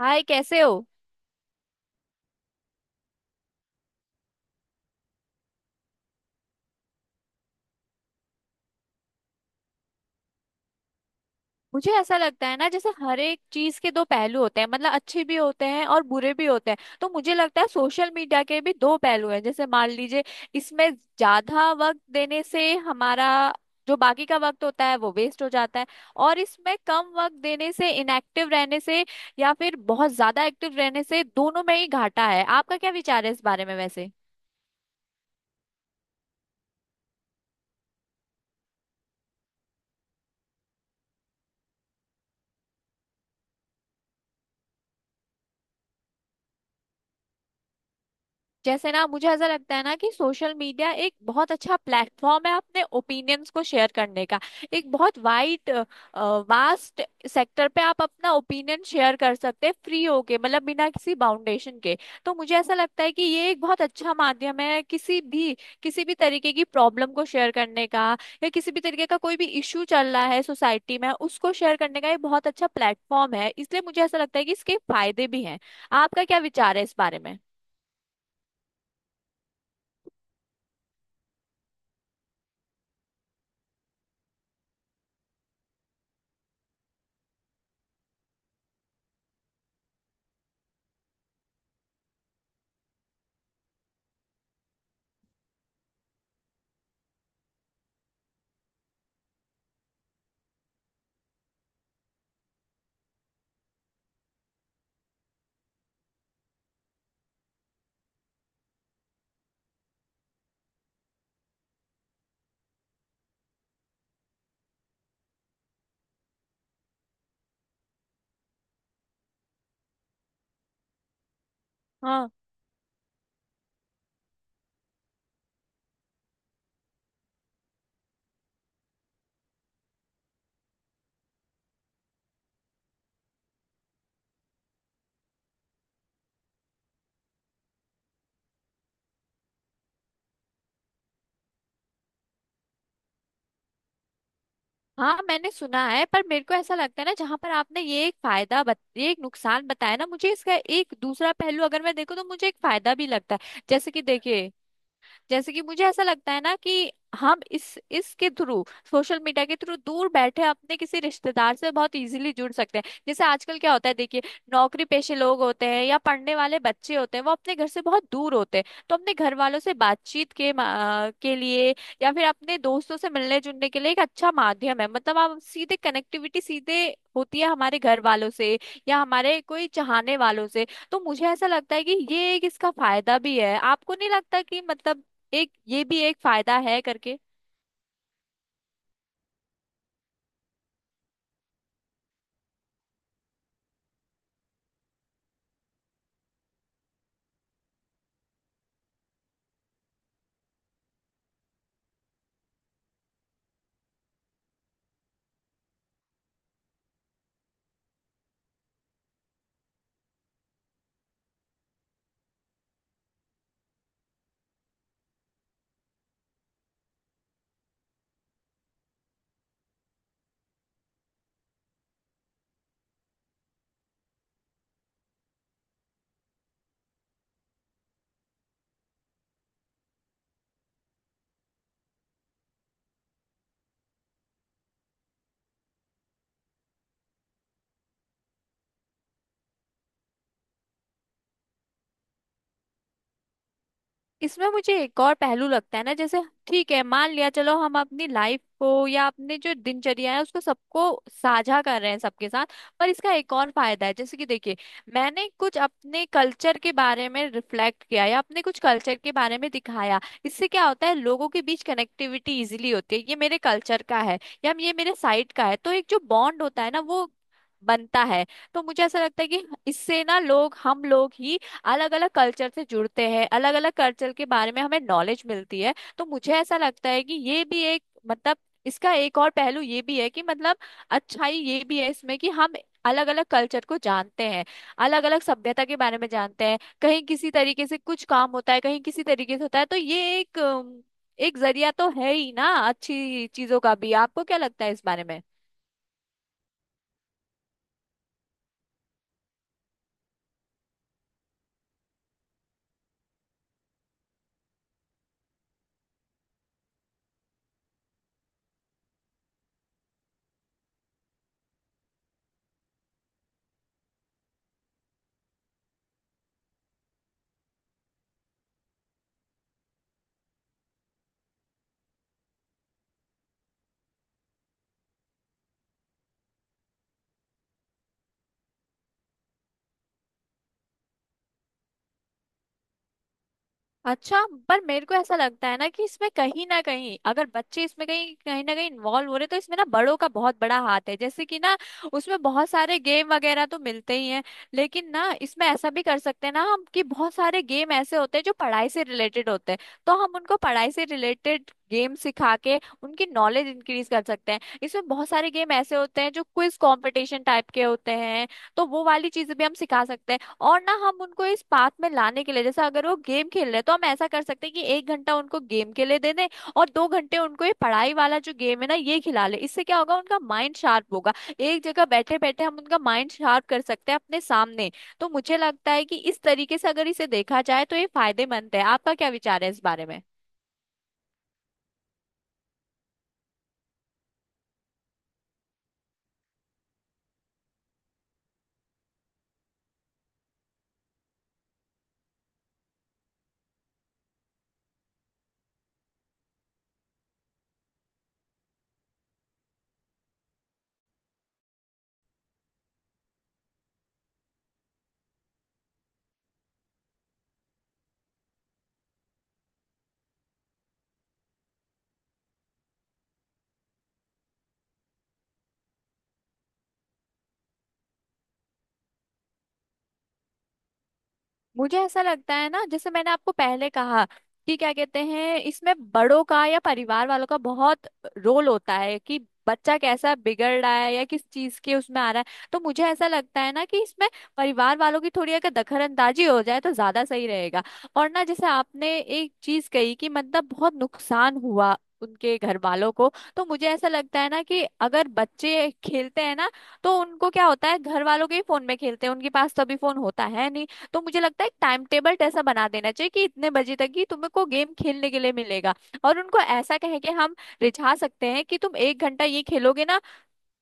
हाय, कैसे हो। मुझे ऐसा लगता है ना जैसे हर एक चीज के दो पहलू होते हैं, मतलब अच्छे भी होते हैं और बुरे भी होते हैं। तो मुझे लगता है सोशल मीडिया के भी दो पहलू हैं। जैसे मान लीजिए इसमें ज्यादा वक्त देने से हमारा जो बाकी का वक्त होता है वो वेस्ट हो जाता है, और इसमें कम वक्त देने से, इनएक्टिव रहने से या फिर बहुत ज्यादा एक्टिव रहने से दोनों में ही घाटा है। आपका क्या विचार है इस बारे में वैसे। जैसे ना मुझे ऐसा लगता है ना कि सोशल मीडिया एक बहुत अच्छा प्लेटफॉर्म है अपने ओपिनियंस को शेयर करने का। एक बहुत वाइड, वास्ट सेक्टर पे आप अपना ओपिनियन शेयर कर सकते हैं, फ्री होके, मतलब बिना किसी बाउंडेशन के। तो मुझे ऐसा लगता है कि ये एक बहुत अच्छा माध्यम है किसी भी तरीके की प्रॉब्लम को शेयर करने का, या किसी भी तरीके का कोई भी इश्यू चल रहा है सोसाइटी में उसको शेयर करने का, ये बहुत अच्छा प्लेटफॉर्म है। इसलिए मुझे ऐसा लगता है कि इसके फायदे भी हैं। आपका क्या विचार है इस बारे में। हाँ, हाँ मैंने सुना है। पर मेरे को ऐसा लगता है ना जहां पर आपने ये एक ये एक नुकसान बताया ना, मुझे इसका एक दूसरा पहलू अगर मैं देखूँ तो मुझे एक फायदा भी लगता है। जैसे कि देखिए, जैसे कि मुझे ऐसा लगता है ना कि हम इस इसके थ्रू, सोशल मीडिया के थ्रू दूर बैठे अपने किसी रिश्तेदार से बहुत इजीली जुड़ सकते हैं। जैसे आजकल क्या होता है, देखिए, नौकरी पेशे लोग होते हैं या पढ़ने वाले बच्चे होते हैं, वो अपने घर से बहुत दूर होते हैं। तो अपने घर वालों से बातचीत के लिए, या फिर अपने दोस्तों से मिलने जुलने के लिए एक अच्छा माध्यम है। मतलब आप सीधे कनेक्टिविटी, सीधे होती है हमारे घर वालों से या हमारे कोई चाहने वालों से। तो मुझे ऐसा लगता है कि ये एक इसका फायदा भी है। आपको नहीं लगता कि मतलब एक ये भी एक फायदा है करके। इसमें मुझे एक और पहलू लगता है ना, जैसे ठीक है, मान लिया, चलो हम अपनी लाइफ को या अपने जो दिनचर्या है उसको सबको साझा कर रहे हैं सबके साथ, पर इसका एक और फायदा है। जैसे कि देखिए, मैंने कुछ अपने कल्चर के बारे में रिफ्लेक्ट किया या अपने कुछ कल्चर के बारे में दिखाया, इससे क्या होता है लोगों के बीच कनेक्टिविटी इजिली होती है। ये मेरे कल्चर का है या ये मेरे साइड का है, तो एक जो बॉन्ड होता है ना वो बनता है। तो मुझे ऐसा लगता है कि इससे ना लोग, हम लोग ही अलग अलग कल्चर से जुड़ते हैं, अलग अलग कल्चर के बारे में हमें नॉलेज मिलती है। तो मुझे ऐसा लगता है कि ये भी एक, मतलब इसका एक और पहलू ये भी है कि मतलब अच्छाई ये भी है इसमें कि हम अलग अलग कल्चर को जानते हैं, अलग अलग सभ्यता के बारे में जानते हैं। कहीं किसी तरीके से कुछ काम होता है, कहीं किसी तरीके से होता है, तो ये एक एक जरिया तो है ही ना अच्छी चीजों का भी। आपको क्या लगता है इस बारे में। अच्छा, पर मेरे को ऐसा लगता है ना कि इसमें कहीं ना कहीं अगर बच्चे इसमें कहीं कहीं ना कहीं इन्वॉल्व हो रहे तो इसमें ना बड़ों का बहुत बड़ा हाथ है। जैसे कि ना, उसमें बहुत सारे गेम वगैरह तो मिलते ही हैं, लेकिन ना इसमें ऐसा भी कर सकते हैं ना हम कि बहुत सारे गेम ऐसे होते हैं जो पढ़ाई से रिलेटेड होते हैं। तो हम उनको पढ़ाई से रिलेटेड गेम सिखा के उनकी नॉलेज इंक्रीज कर सकते हैं। इसमें बहुत सारे गेम ऐसे होते हैं जो क्विज कंपटीशन टाइप के होते हैं, तो वो वाली चीजें भी हम सिखा सकते हैं। और ना हम उनको इस पाथ में लाने के लिए, जैसे अगर वो गेम खेल रहे हैं तो हम ऐसा कर सकते हैं कि एक घंटा उनको गेम के लिए दे दें और दो घंटे उनको ये पढ़ाई वाला जो गेम है ना ये खिला ले। इससे क्या होगा, उनका माइंड शार्प होगा। एक जगह बैठे बैठे हम उनका माइंड शार्प कर सकते हैं अपने सामने। तो मुझे लगता है कि इस तरीके से अगर इसे देखा जाए तो ये फायदेमंद है। आपका क्या विचार है इस बारे में। मुझे ऐसा लगता है ना जैसे मैंने आपको पहले कहा कि क्या कहते हैं, इसमें बड़ों का या परिवार वालों का बहुत रोल होता है कि बच्चा कैसा बिगड़ रहा है या किस चीज के उसमें आ रहा है। तो मुझे ऐसा लगता है ना कि इसमें परिवार वालों की थोड़ी अगर दखलअंदाजी हो जाए तो ज्यादा सही रहेगा। और ना जैसे आपने एक चीज कही कि मतलब बहुत नुकसान हुआ उनके घर वालों को, तो मुझे ऐसा लगता है ना कि अगर बच्चे खेलते हैं ना, तो उनको क्या होता है, घर वालों के ही फोन में खेलते हैं, उनके पास तो अभी फोन होता है नहीं। तो मुझे लगता है एक टाइम टेबल ऐसा बना देना चाहिए कि इतने बजे तक ही तुम्हें को गेम खेलने के लिए मिलेगा। और उनको ऐसा कहें कि हम रिझा सकते हैं कि तुम एक घंटा ये खेलोगे ना,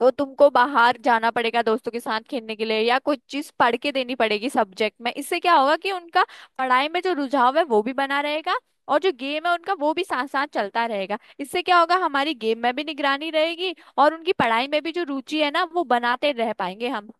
तो तुमको बाहर जाना पड़ेगा दोस्तों के साथ खेलने के लिए, या कोई चीज पढ़ के देनी पड़ेगी सब्जेक्ट में। इससे क्या होगा कि उनका पढ़ाई में जो रुझाव है वो भी बना रहेगा और जो गेम है उनका वो भी साथ साथ चलता रहेगा। इससे क्या होगा, हमारी गेम में भी निगरानी रहेगी और उनकी पढ़ाई में भी जो रुचि है ना वो बनाते रह पाएंगे हम।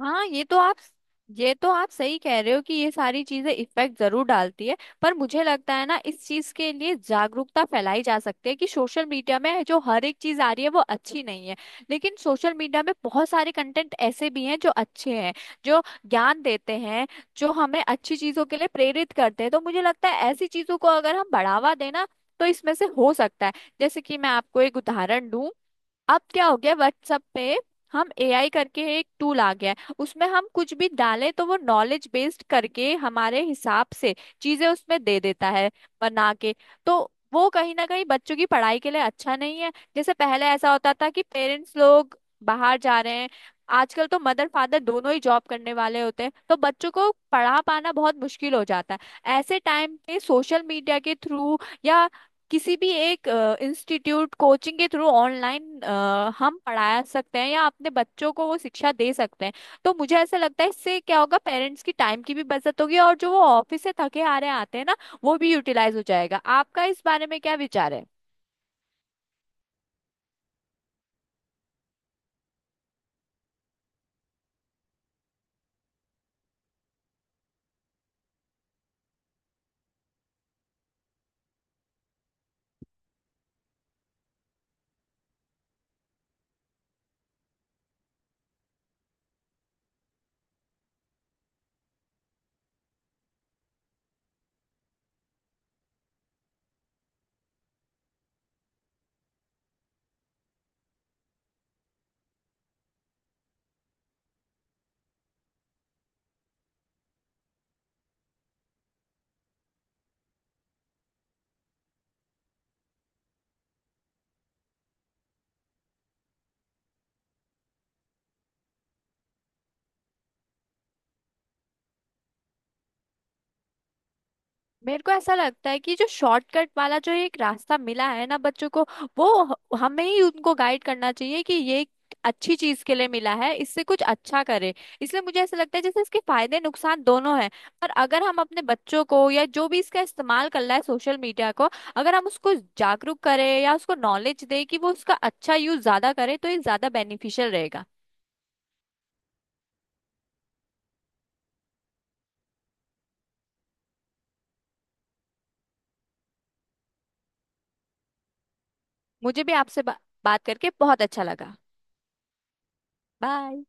हाँ, ये तो आप सही कह रहे हो कि ये सारी चीजें इफेक्ट जरूर डालती है, पर मुझे लगता है ना इस चीज के लिए जागरूकता फैलाई जा सकती है कि सोशल मीडिया में जो हर एक चीज आ रही है वो अच्छी नहीं है, लेकिन सोशल मीडिया में बहुत सारे कंटेंट ऐसे भी हैं जो अच्छे हैं, जो ज्ञान देते हैं, जो हमें अच्छी चीजों के लिए प्रेरित करते हैं। तो मुझे लगता है ऐसी चीजों को अगर हम बढ़ावा देना तो इसमें से हो सकता है। जैसे कि मैं आपको एक उदाहरण दूं, अब क्या हो गया, व्हाट्सएप पे हम एआई करके एक टूल आ गया है, उसमें हम कुछ भी डालें तो वो नॉलेज बेस्ड करके हमारे हिसाब से चीजें उसमें दे देता है बना के। तो वो कहीं ना कहीं बच्चों की पढ़ाई के लिए अच्छा नहीं है। जैसे पहले ऐसा होता था कि पेरेंट्स लोग बाहर जा रहे हैं, आजकल तो मदर फादर दोनों ही जॉब करने वाले होते हैं, तो बच्चों को पढ़ा पाना बहुत मुश्किल हो जाता है। ऐसे टाइम पे सोशल मीडिया के थ्रू या किसी भी एक इंस्टीट्यूट कोचिंग के थ्रू ऑनलाइन हम पढ़ा सकते हैं या अपने बच्चों को वो शिक्षा दे सकते हैं। तो मुझे ऐसा लगता है इससे क्या होगा, पेरेंट्स की टाइम की भी बचत होगी और जो वो ऑफिस से थके हारे आते हैं ना वो भी यूटिलाइज हो जाएगा। आपका इस बारे में क्या विचार है। मेरे को ऐसा लगता है कि जो शॉर्टकट वाला जो एक रास्ता मिला है ना बच्चों को, वो हमें ही उनको गाइड करना चाहिए कि ये एक अच्छी चीज के लिए मिला है, इससे कुछ अच्छा करे। इसलिए मुझे ऐसा लगता है जैसे इसके फायदे नुकसान दोनों हैं, पर अगर हम अपने बच्चों को या जो भी इसका इस्तेमाल कर रहा है सोशल मीडिया को, अगर हम उसको जागरूक करें या उसको नॉलेज दें कि वो उसका अच्छा यूज ज्यादा करे, तो ये ज्यादा बेनिफिशियल रहेगा। मुझे भी बात करके बहुत अच्छा लगा। बाय।